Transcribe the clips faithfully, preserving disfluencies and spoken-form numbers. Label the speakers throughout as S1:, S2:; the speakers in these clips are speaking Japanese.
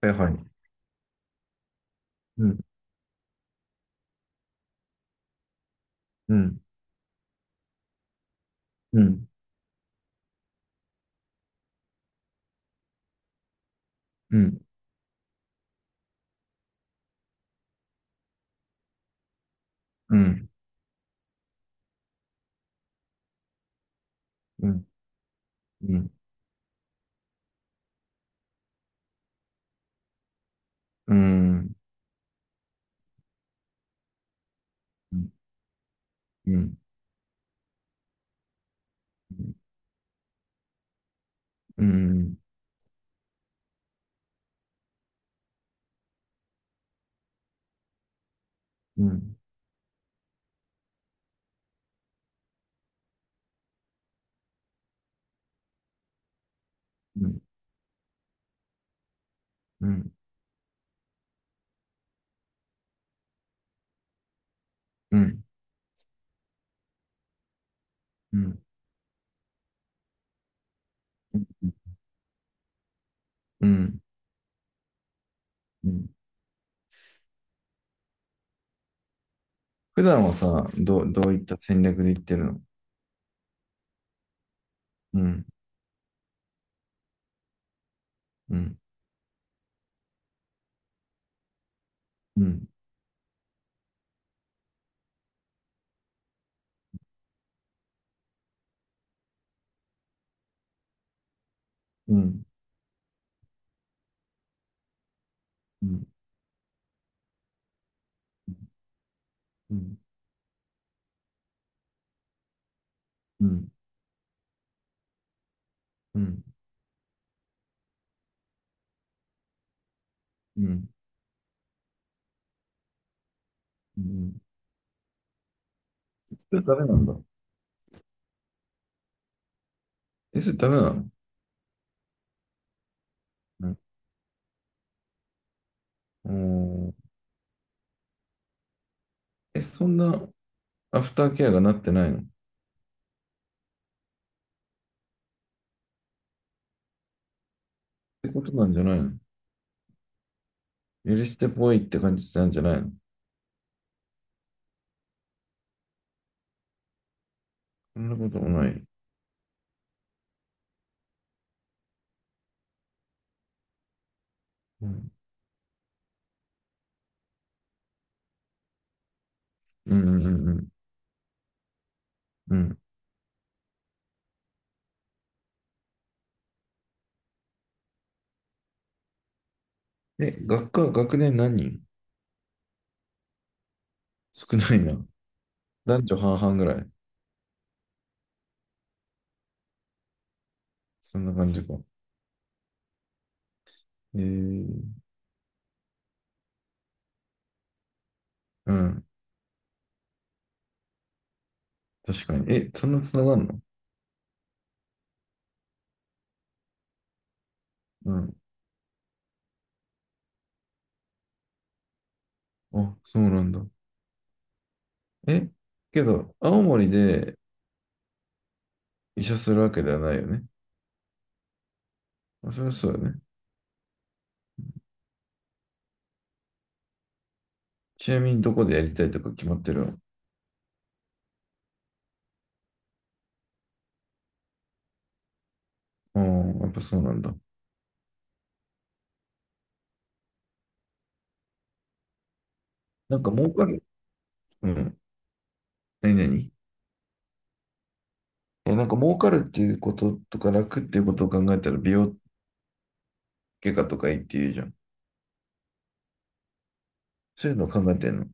S1: はいはい。うん、うん、うん、うん、うん、うん、うん、うん、うん、うん、うん、うん、うん、うん、うん、うん、うん。うん、普段はさ、どう、どういった戦略で言ってるの？うん、うん、うん、うん、うん、うん、うん、うん、うん、うん。それダメなんだ。え、それダメなの？うん。おー。え、そんな、アフターケアがなってないのってことなんじゃないの？許してぽいって感じなんじゃないの？そんなこともない。うん。うんうんうんうん。うん。え、学科、学年何人？ 少ないな。男女半々ぐらい。そんな感じか。えー、うん。確かに。え、そんなつながんの？うん。あ、そうなんだ。え、けど、青森で医者するわけではないよね。まあ、そりゃそうだよね。ちなみにどこでやりたいとか決まってるの？ああー、やっぱそうなんだ。なんか儲かる。うん。何何？え、なんか儲かるっていうこととか楽っていうことを考えたら美容外科とかいいって言うじゃん。そういうの考えてんの？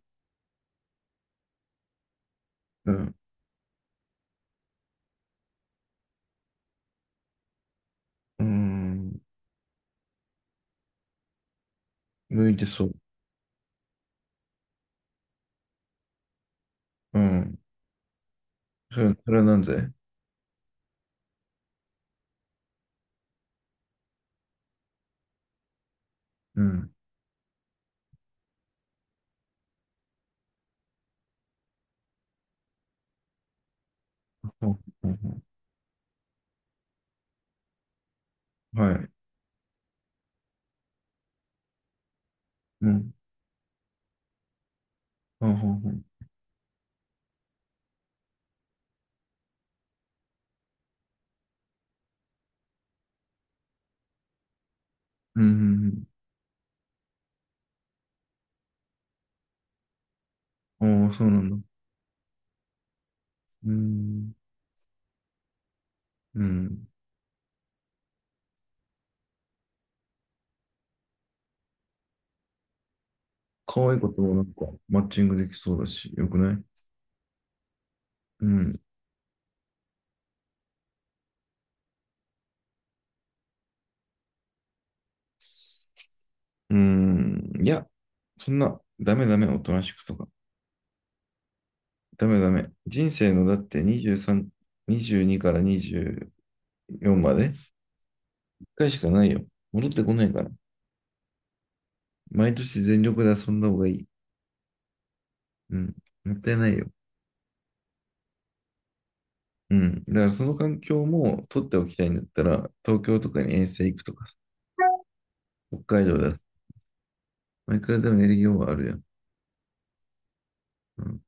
S1: うん。うん。向いてそう。うん。それ、それはなんぜ。うん。ほうほうほう、はい。うん。ほうほうほう。うん。ああ、そうなんだ。うん。うん。可愛い子ともなんかマッチングできそうだし、よくない？うん。うん。いや、そんな、ダメダメ、おとなしくとか。ダメダメ。人生のだってにじゅうさん、にじゅうにからにじゅうよんまで、いっかいしかないよ。戻ってこないから。毎年全力で遊んだ方がいい。うん。もったいないよ。うん。だからその環境も取っておきたいんだったら、東京とかに遠征行くとか、北海道だ。まあ、いくらでもやりようはあるやん。うん。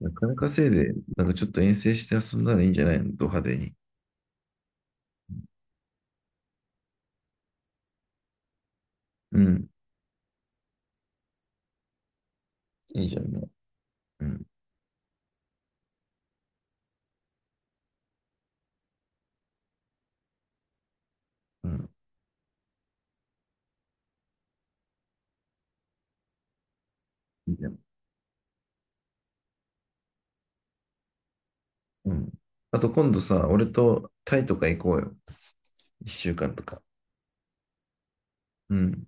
S1: なかなかいで、なんかちょっと遠征して遊んだらいいんじゃないの、ド派手に。うん。いいじゃんね。うん。うん。いいじゃん。うん。あと今度さ、俺とタイとか行こうよ。いっしゅうかんとか。うん。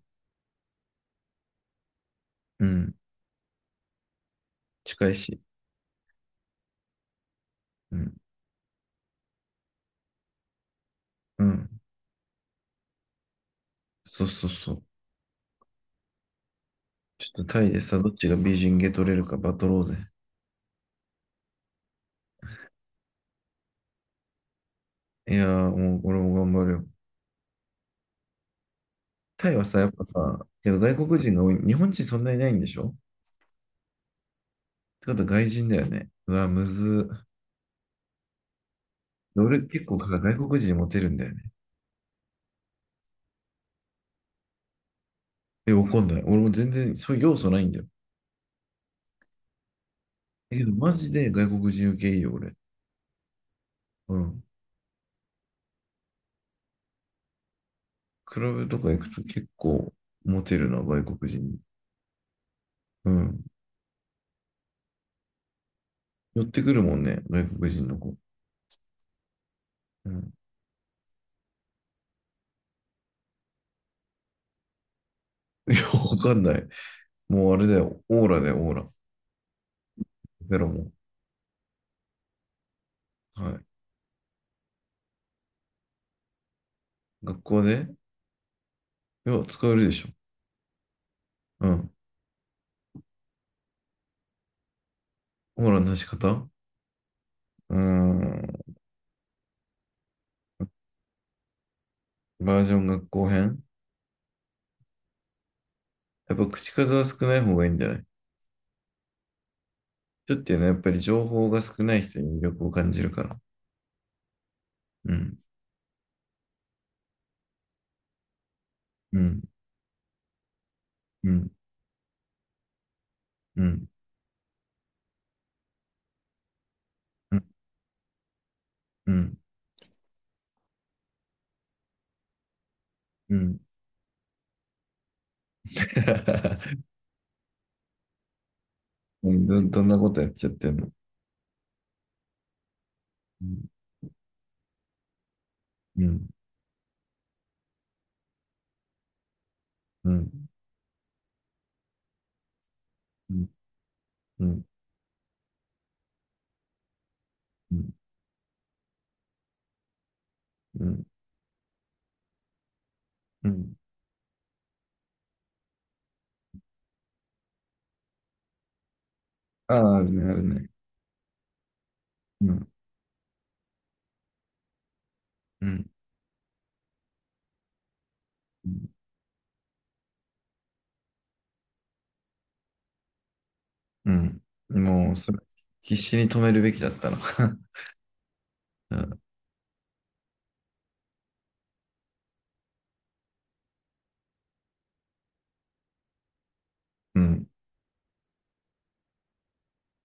S1: うん。近いし。うん。うん。そうそうそう。ちょっとタイでさ、どっちが美人ゲ取れるかバトろうぜ。いやー、もう俺も頑張るよ。タイはさ、やっぱさ、けど外国人が多い。日本人そんなにいないんでしょ？ってことは外人だよね。うわ、むず。俺結構外国人にモテるんだよね。え、わかんない。俺も全然そういう要素ないんだよ。だけどマジで外国人受けいいよ、俺。うん。クラブとか行くと結構モテるな、外国人に。うん。寄ってくるもんね、外国人の子。うん。いや、わかんない。もうあれだよ。オーラだよ、オーラ。ベロも。はい。学校で、いや、使えるでしょ。うん。オーラの出し方、うーん。バージョン学校編。やっぱ口数は少ない方がいいんじゃない？ちょっていうのはやっぱり情報が少ない人に魅力を感じるから。うん、うん、うん、うん、うん、うん、うん。うん、ど、どんなことやっちゃってんの？うん、うん、うん、うん、うん、うん、うん。ああ、あるね、あるね。うん、うん、うん。うん、もう、それ、必死に止めるべきだったの？ うん、うん。